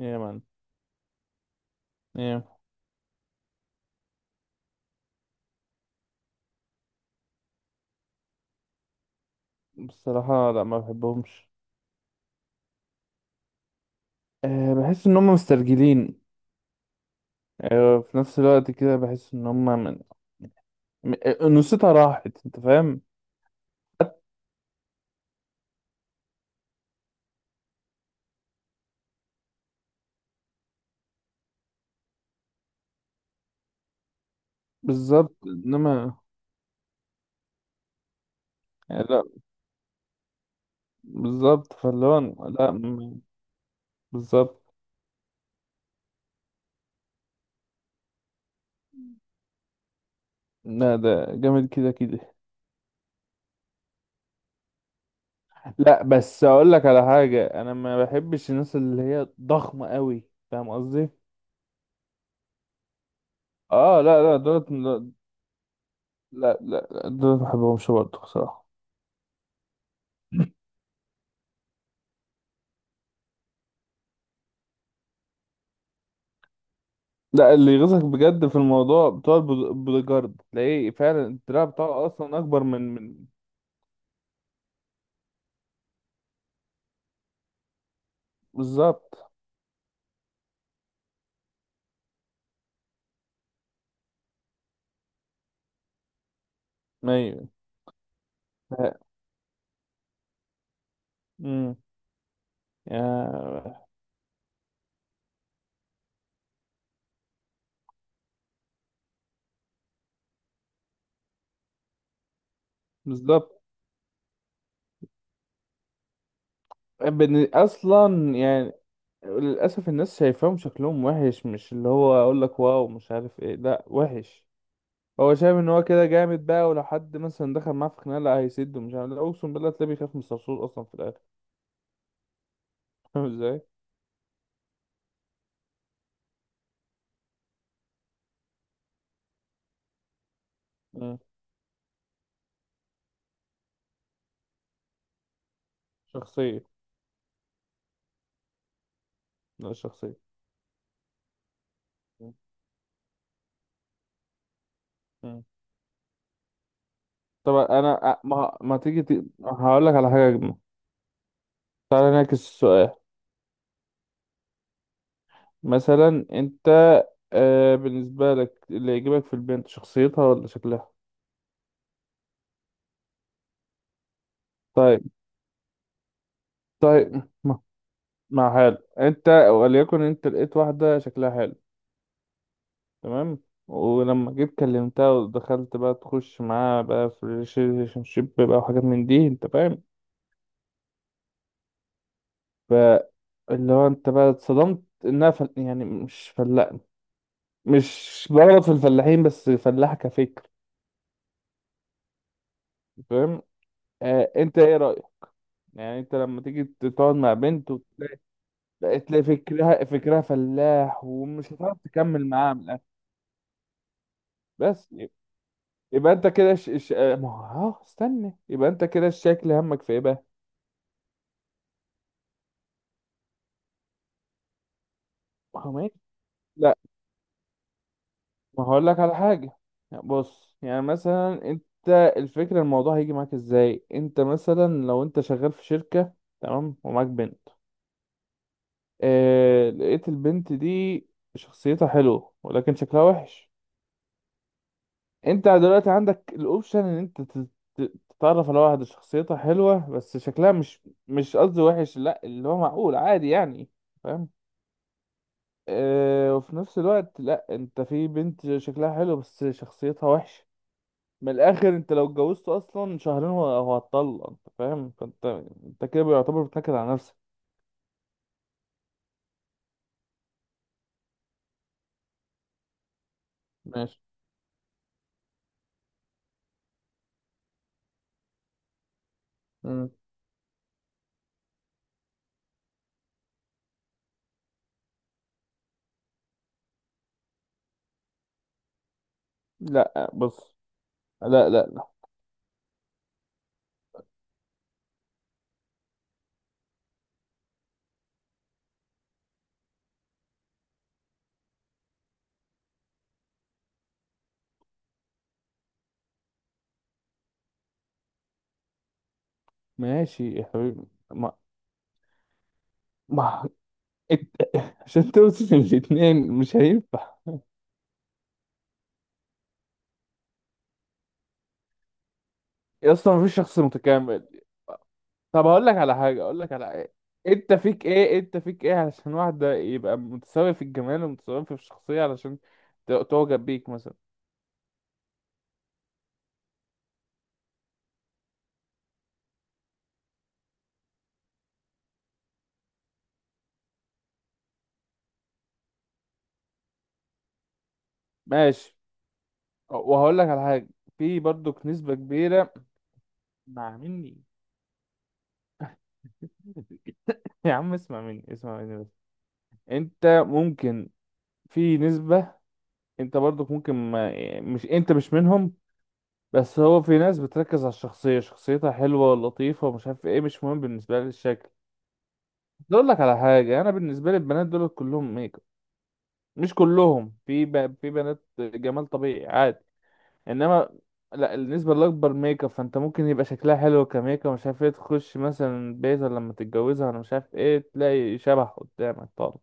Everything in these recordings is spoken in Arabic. إيه يا مان. يا... بصراحة لا، ما بحبهمش. بحس ان هم مسترجلين. في نفس الوقت كده بحس ان هم من انوثتها راحت، انت فاهم. بالظبط، انما. يعني لا. بالظبط، فاللي هو. لا بالظبط. لا، ده جامد كده كده. لا بس اقول لك على حاجة، انا ما بحبش الناس اللي هي ضخمة قوي. فاهم قصدي. اه لا لا، دولت لا. لا لا، لا دولت ما بحبهمش برضه بصراحة. لا، اللي يغيظك بجد في الموضوع بتوع بوديجارد، تلاقيه فعلا الدراع بتاعه اصلا اكبر من. بالظبط. ايوه. امم. يا- بالظبط. اصلا يعني للاسف الناس شايفاهم شكلهم وحش، مش اللي هو اقول لك واو مش عارف ايه، لا وحش. هو شايف ان هو كده جامد بقى، ولو حد مثلا دخل معاه في خناقه لا هيسده، مش عارف، لا اقسم بالله تلاقيه بيخاف من الصرصور اصلا في الاخر. فاهم ازاي. امم. شخصيه. لا شخصيه. مم. طب انا ما تيجي هقول لك على حاجه اجمل. تعالى نعكس السؤال. مثلا انت، بالنسبه لك اللي يعجبك في البنت شخصيتها ولا شكلها؟ طيب. طيب ما حلو. انت وليكن انت لقيت واحده شكلها حلو. تمام. ولما جيت كلمتها ودخلت بقى تخش معاها بقى في ريليشن شيب بقى وحاجات من دي، انت فاهم. فاللي هو انت بقى اتصدمت انها يعني مش فلاح. مش بغلط في الفلاحين بس فلاح كفكر. فاهم. انت ايه رأيك؟ يعني انت لما تيجي تقعد مع بنت وتلاقي، فكرها فكرها فلاح، ومش هتعرف تكمل معاها من الاخر. بس يبقى انت كده ش... ش... آه، ما هو استنى، يبقى انت كده الشكل همك في ايه بقى؟ ما هو ماشي. لا، ما هقول لك على حاجة. يعني بص، يعني مثلا انت الفكرة، الموضوع هيجي معاك ازاي. انت مثلا لو انت شغال في شركة، تمام، ومعاك بنت، اه... لقيت البنت دي شخصيتها حلوة ولكن شكلها وحش. انت دلوقتي عندك الاوبشن ان انت تتعرف على واحد شخصيتها حلوة بس شكلها مش، مش قصدي وحش لا، اللي هو معقول عادي يعني. فاهم؟ اه. وفي نفس الوقت لا، انت في بنت شكلها حلو بس شخصيتها وحشة. من الاخر انت لو اتجوزت اصلا شهرين هو هتطلق، انت فاهم، فانت انت كده بيعتبر بتنكد على نفسك. ماشي. مم. لا بص. لا لا لا. ماشي يا حبيبي. ما. ما. عشان توصل الاتنين مش هينفع. يا اسطى مفيش شخص متكامل. طب هقول لك على حاجه، اقول لك على إيه. انت فيك ايه، انت فيك ايه علشان واحده يبقى متساوي في الجمال ومتساوي في الشخصيه، علشان تعجب بيك مثلا؟ ماشي، وهقول لك على حاجه، في برضو نسبه كبيره. مع مني يا عم اسمع مني، اسمع مني بس. انت ممكن، في نسبة، انت برضك ممكن، ما يعني مش انت مش منهم. بس هو في ناس بتركز على الشخصية، شخصيتها حلوة لطيفة ومش عارف ايه، مش مهم بالنسبة لها الشكل. اقول لك على حاجه، انا بالنسبه لي البنات دول كلهم ميك اب. مش كلهم، في في بنات جمال طبيعي عادي. انما لا، النسبه الاكبر ميك اب، فانت ممكن يبقى شكلها حلو كميك اب مش عارف ايه، تخش مثلا بيت ولا لما تتجوزها ولا مش عارف ايه، تلاقي شبح قدامك طالع.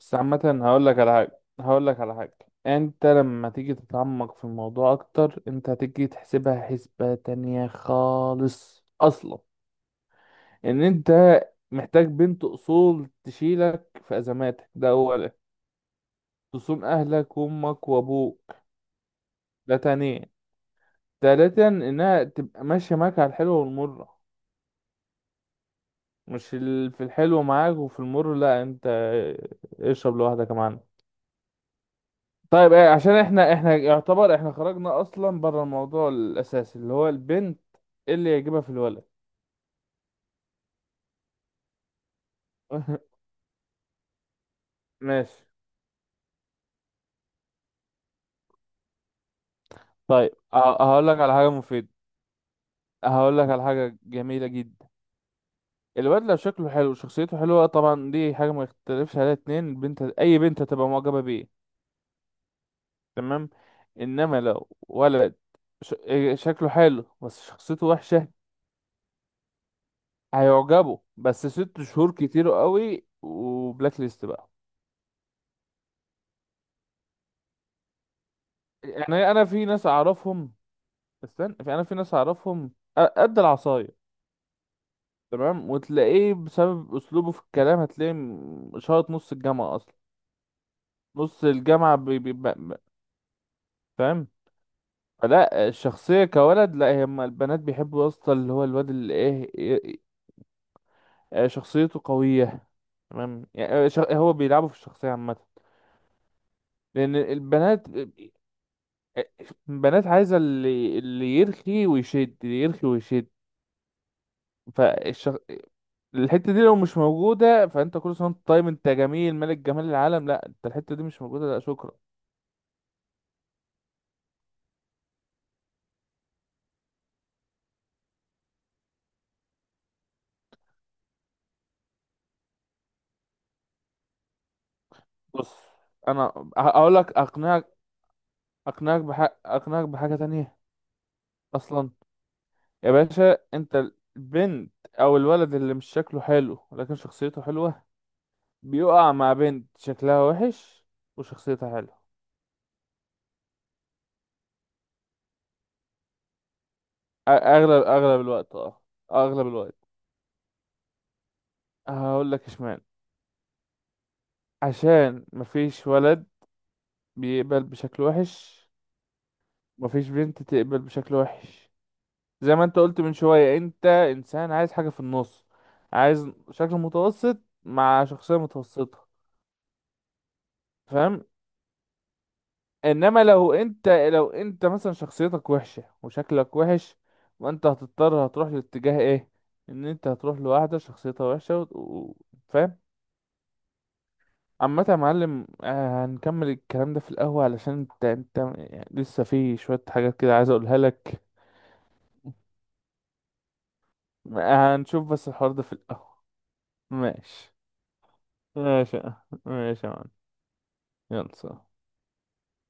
بس عامه هقول لك على حاجه، انت لما تيجي تتعمق في الموضوع اكتر انت هتيجي تحسبها حسبه تانية خالص اصلا. ان انت محتاج بنت اصول تشيلك في ازماتك، ده اولا. تصون اهلك وامك وابوك، ده تانيا. تالتا، انها تبقى ماشيه معاك على الحلوه والمره. مش في الحلو معاك وفي المر لا، انت اشرب لوحدك يا معلم. طيب ايه، عشان احنا يعتبر احنا خرجنا اصلا بره الموضوع الاساسي اللي هو البنت اللي يعجبها في الولد. ماشي. طيب هقول لك على حاجه مفيده، هقول لك على حاجه جميله جدا. الواد لو شكله حلو وشخصيته حلوة طبعا دي حاجة ما يختلفش عليها اتنين، البنت أي بنت هتبقى معجبة بيه. تمام. إنما لو ولد إيه شكله حلو بس شخصيته وحشة، هيعجبه بس ست شهور كتير قوي وبلاك ليست بقى. يعني أنا في ناس أعرفهم. استنى، في، أنا في ناس أعرفهم قد العصاية، تمام، وتلاقيه بسبب أسلوبه في الكلام هتلاقيه شاط نص الجامعة أصلا، نص الجامعة فاهم. لا الشخصية كولد لا، هما البنات بيحبوا يا اسطى اللي هو الواد اللي ايه، إيه- إيه، شخصيته قوية. تمام يعني هو بيلعبوا في الشخصية عامة. لأن البنات آه، البنات عايزة اللي يرخي ويشد، اللي يرخي ويشد. فالشخ... الحتة دي لو مش موجودة فأنت كل سنة وأنت طيب، أنت جميل ملك جمال العالم، لا، أنت الحتة دي مش موجودة لا شكرا. بص، أنا أقول لك، أقنعك، أقنعك بحق، أقنعك بحاجة تانية أصلا. يا باشا انت، البنت او الولد اللي مش شكله حلو لكن شخصيته حلوة بيقع مع بنت شكلها وحش وشخصيتها حلوة. اغلب الوقت، اه، اغلب الوقت. هقول لك اشمعنى. عشان مفيش ولد بيقبل بشكل وحش، مفيش بنت تقبل بشكل وحش. زي ما انت قلت من شوية، انت انسان عايز حاجة في النص، عايز شكل متوسط مع شخصية متوسطة. فاهم. انما لو انت مثلا شخصيتك وحشة وشكلك وحش، وانت هتضطر هتروح لاتجاه ايه؟ ان انت هتروح لواحدة شخصيتها وحشة فاهم. عامة يا معلم، هنكمل الكلام ده في القهوة علشان انت يعني لسه في شوية حاجات كده عايز اقولها لك. هنشوف بس الحوار ده في القهوة. ماشي. ماشي يا معلم. يلا سلام.